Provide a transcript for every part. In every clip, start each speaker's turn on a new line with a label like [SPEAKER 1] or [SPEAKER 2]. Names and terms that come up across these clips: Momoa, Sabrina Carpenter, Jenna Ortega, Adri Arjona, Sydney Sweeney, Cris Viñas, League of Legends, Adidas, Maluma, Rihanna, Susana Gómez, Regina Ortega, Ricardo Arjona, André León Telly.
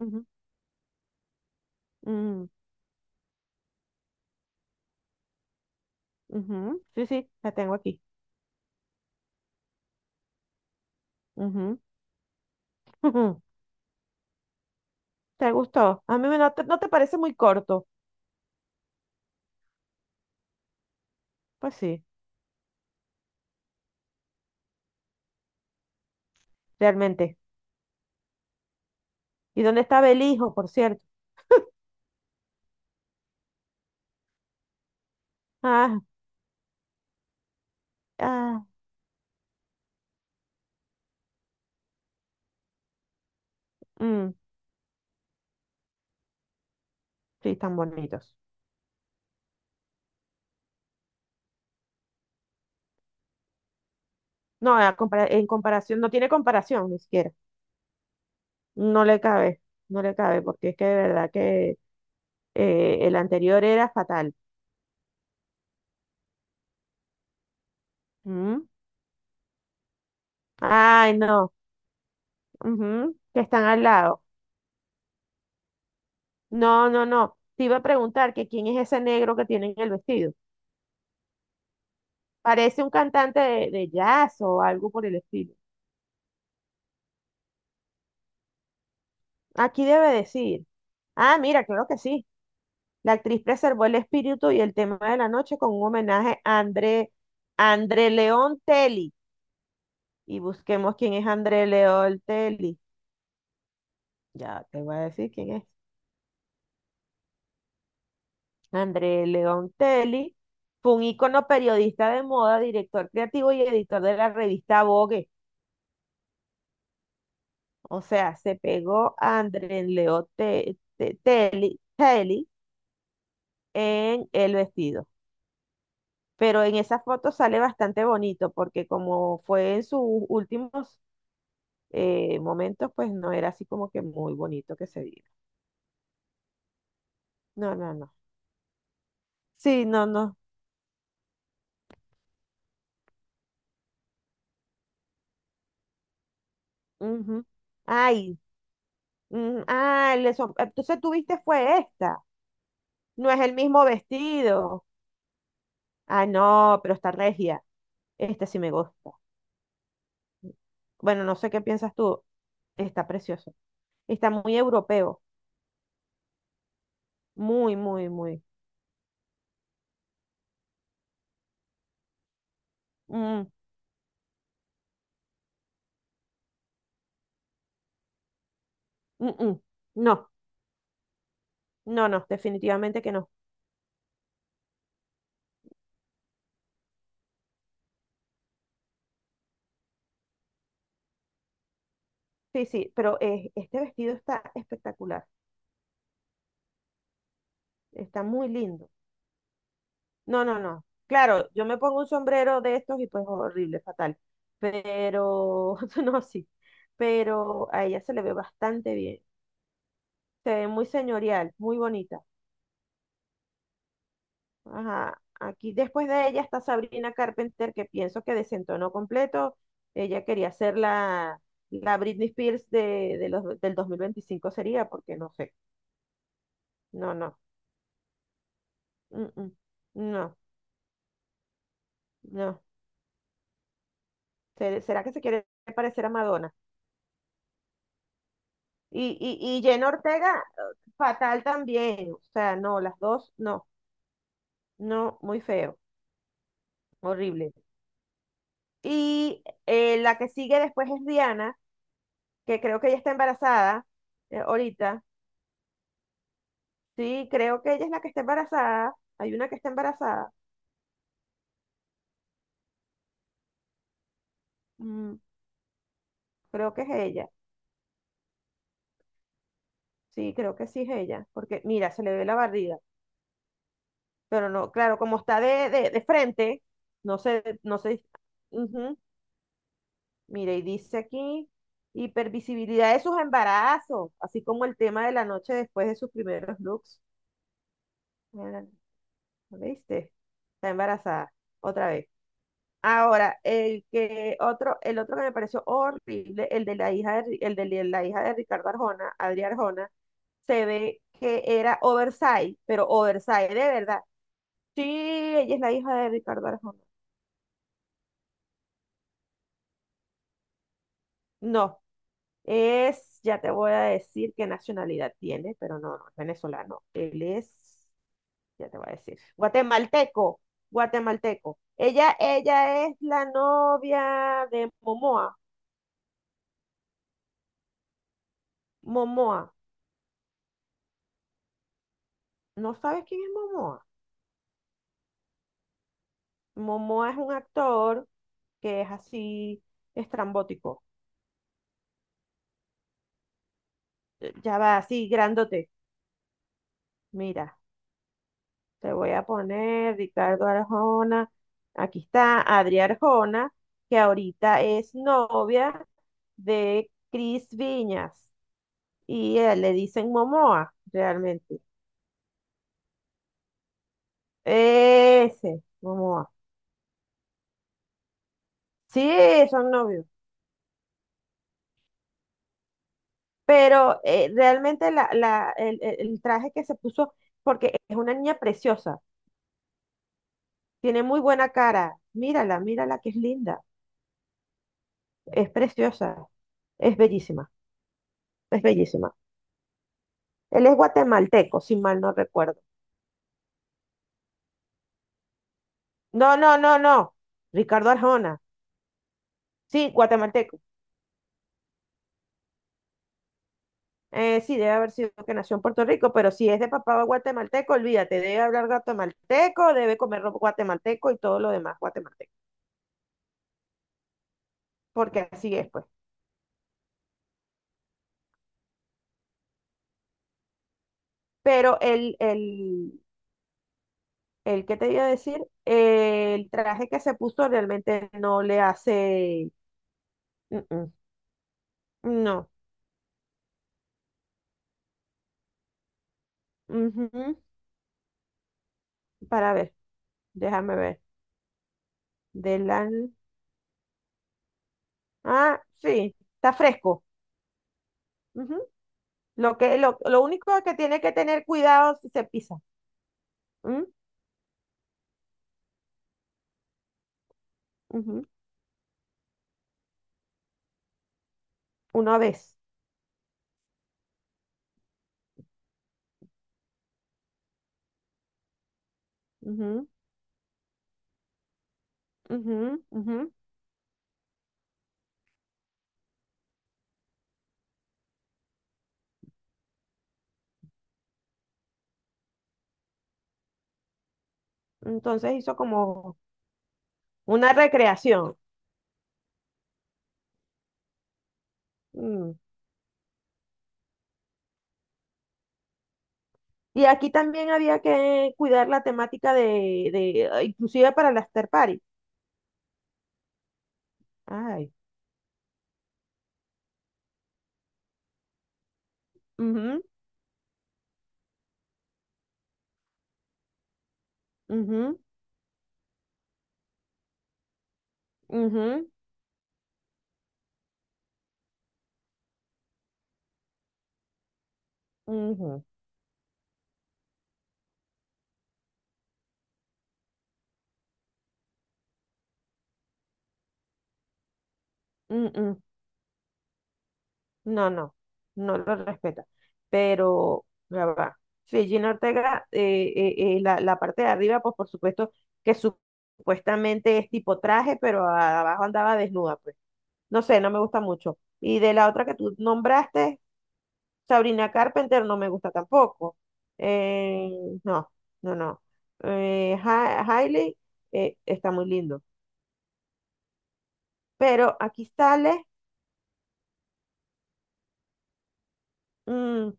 [SPEAKER 1] Ujú, mm, ujú. Sí, sí, la tengo aquí. Ujú, ujú. ¿Te gustó? A mí no no te parece muy corto. Pues sí, realmente. ¿Y dónde está Belijo, por cierto? Ah, ah, mm, sí, están bonitos. No, a en comparación, no tiene comparación ni siquiera. No le cabe, no le cabe, porque es que de verdad que el anterior era fatal. Mm. Ay, no. Ujú, que están al lado. No, no, no. Te iba a preguntar que quién es ese negro que tiene en el vestido. Parece un cantante de jazz o algo por el estilo. Aquí debe decir. Ah, mira, claro que sí. La actriz preservó el espíritu y el tema de la noche con un homenaje a André, André León Telly. Y busquemos quién es André León Telly. Ya te voy a decir quién es. André León Telly fue un ícono periodista de moda, director creativo y editor de la revista Vogue. O sea, se pegó a André León Telly en el vestido. Pero en esa foto sale bastante bonito porque como fue en sus últimos momentos, pues no era así como que muy bonito que se viera. No, no, no. Sí, no, no. Ujú. Ay, mm, ah, entonces tú viste fue esta. No es el mismo vestido. Ah, no, pero está regia. Este sí me gusta. Bueno, no sé qué piensas tú. Está precioso. Está muy europeo. Muy, muy, muy. Mm, mm, mm. No. No, no, definitivamente que no. Sí, sí, pero este vestido está espectacular, está muy lindo. No, no, no. Claro, yo me pongo un sombrero de estos y pues horrible, fatal. Pero, no, sí, pero a ella se le ve bastante bien. Se ve muy señorial, muy bonita. Ajá, aquí después de ella está Sabrina Carpenter, que pienso que desentonó completo. Ella quería ser la Britney Spears del 2025 sería, porque no sé. No, no. Mm, mm. No, no. ¿Será que se quiere parecer a Madonna? Y Jenna Ortega, fatal también. O sea, no, las dos, no. No, muy feo, horrible. Y la que sigue después es Rihanna, que creo que ella está embarazada ahorita. Sí, creo que ella es la que está embarazada. Hay una que está embarazada. Mm, creo que es ella. Sí, creo que sí es ella. Porque mira, se le ve la barriga. Pero no, claro, como está de frente, no sé, no sé. Ujú, mire, y dice aquí, hipervisibilidad de sus embarazos, así como el tema de la noche después de sus primeros looks. Mira, ¿lo ¿viste? Está embarazada, otra vez. Ahora, el otro que me pareció horrible, el de la hija de, Ri- el de li- la hija de Ricardo Arjona, Adri Arjona, se ve que era oversize, pero oversize de verdad. Sí, ella es la hija de Ricardo Arjona. No, es, ya te voy a decir qué nacionalidad tiene, pero no, no es venezolano. Él es, ya te voy a decir, guatemalteco, guatemalteco. Ella es la novia de Momoa. Momoa, ¿no sabes quién es Momoa? Momoa es un actor que es así estrambótico, ya va así, grandote. Mira. Te voy a poner Ricardo Arjona. Aquí está Adri Arjona, que ahorita es novia de Cris Viñas. Y le dicen Momoa, realmente. Ese, Momoa. Sí, son novios. Pero realmente el traje que se puso, porque es una niña preciosa, tiene muy buena cara. Mírala, mírala que es linda, es preciosa, es bellísima, es bellísima. Él es guatemalteco, si mal no recuerdo. No, no, no, no. Ricardo Arjona. Sí, guatemalteco. Sí, debe haber sido que nació en Puerto Rico, pero si es de papá guatemalteco, olvídate, debe hablar guatemalteco, debe comer ropa guatemalteco y todo lo demás guatemalteco, porque así es, pues. Pero el que te iba a decir, el traje que se puso realmente no le hace, mm, mm, no. Ujú. Para ver, déjame ver, del, an- ah, sí, está fresco. Ujú. Lo único que tiene que tener cuidado si se pisa. ¿M? Ujú. Una vez. Ujú, ujú, ujú. Entonces hizo como una recreación. Mm. Y aquí también había que cuidar la temática de ah, inclusive para la after party. Ay. Ujú, ujú, ujú, ujú, mm, mm. No, no, no lo respeta. Pero, ya va. Regina Ortega, la parte de arriba, pues por supuesto que supuestamente es tipo traje, pero abajo andaba desnuda, pues. No sé, no me gusta mucho. Y de la otra que tú nombraste, Sabrina Carpenter, no me gusta tampoco. Eh, no, no, no. Hailey, está muy lindo. Pero aquí sale. Mm,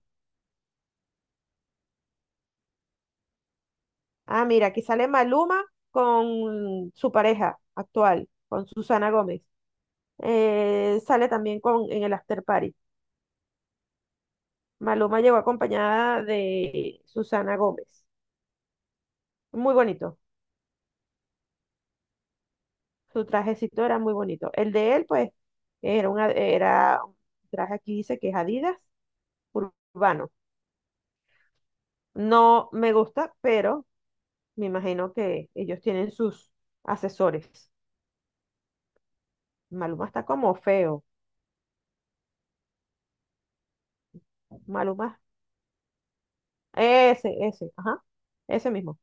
[SPEAKER 1] ah, mira, aquí sale Maluma con su pareja actual, con Susana Gómez. Sale también con, en el After Party. Maluma llegó acompañada de Susana Gómez. Muy bonito. Su trajecito era muy bonito. El de él, pues, era un traje aquí, dice que es Adidas urbano. No me gusta, pero me imagino que ellos tienen sus asesores. Maluma está como feo. Maluma, ajá, ese mismo.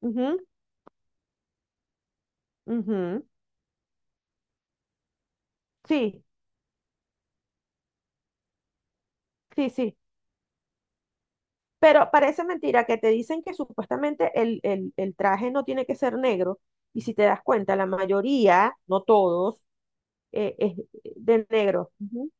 [SPEAKER 1] Ujú, ujú. Sí, sí, sí. Pero parece mentira que te dicen que supuestamente el traje no tiene que ser negro. Y si te das cuenta, la mayoría, no todos, es de negro. Ujú.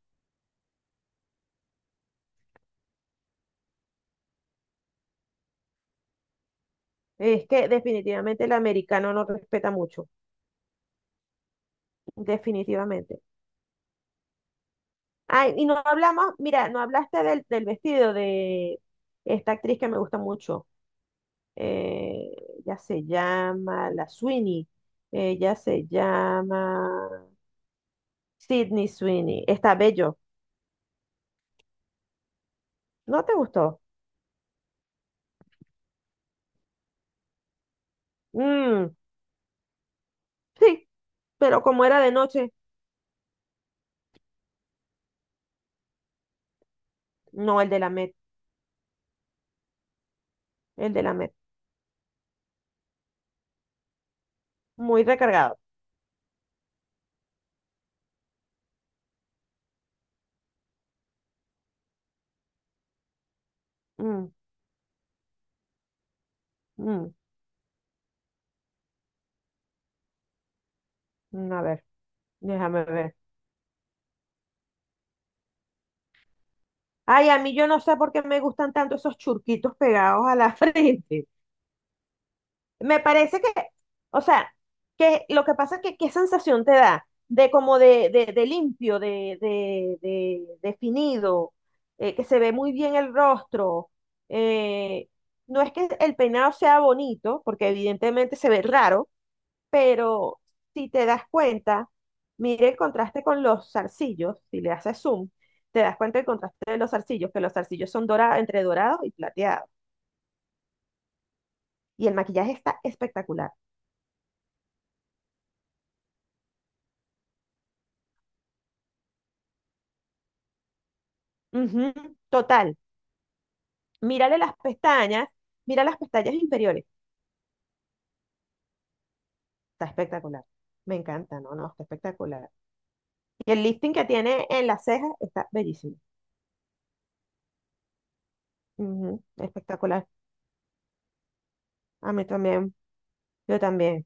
[SPEAKER 1] Es que definitivamente el americano no respeta mucho. Definitivamente. Ay, y no hablamos, mira, no hablaste del, del vestido de esta actriz que me gusta mucho. Eh, ya se llama La Sweeney. Ella se llama. Sydney Sweeney. Está bello. ¿No te gustó? Mm, sí, pero como era de noche, no el de la Met, el de la Met. Muy recargado. Mm, mm, mm, a ver, déjame ver. Ay, a mí yo no sé por qué me gustan tanto esos churquitos pegados a la frente. Me parece que, o sea, que lo que pasa es que qué sensación te da de como de limpio, definido, que se ve muy bien el rostro. Eh, no es que el peinado sea bonito, porque evidentemente se ve raro, pero si te das cuenta, mire el contraste con los zarcillos, si le haces zoom, te das cuenta del contraste de los zarcillos, que los zarcillos son dorados, entre dorados y plateados. Y el maquillaje está espectacular. Ujú, total. Mírale las pestañas, mira las pestañas inferiores. Está espectacular. Me encanta, no, no, está espectacular. Y el lifting que tiene en las cejas está bellísimo. Ujú, espectacular. A mí también, yo también.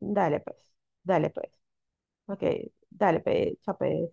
[SPEAKER 1] Dale pues, dale pues. Ok, dale pues, chape.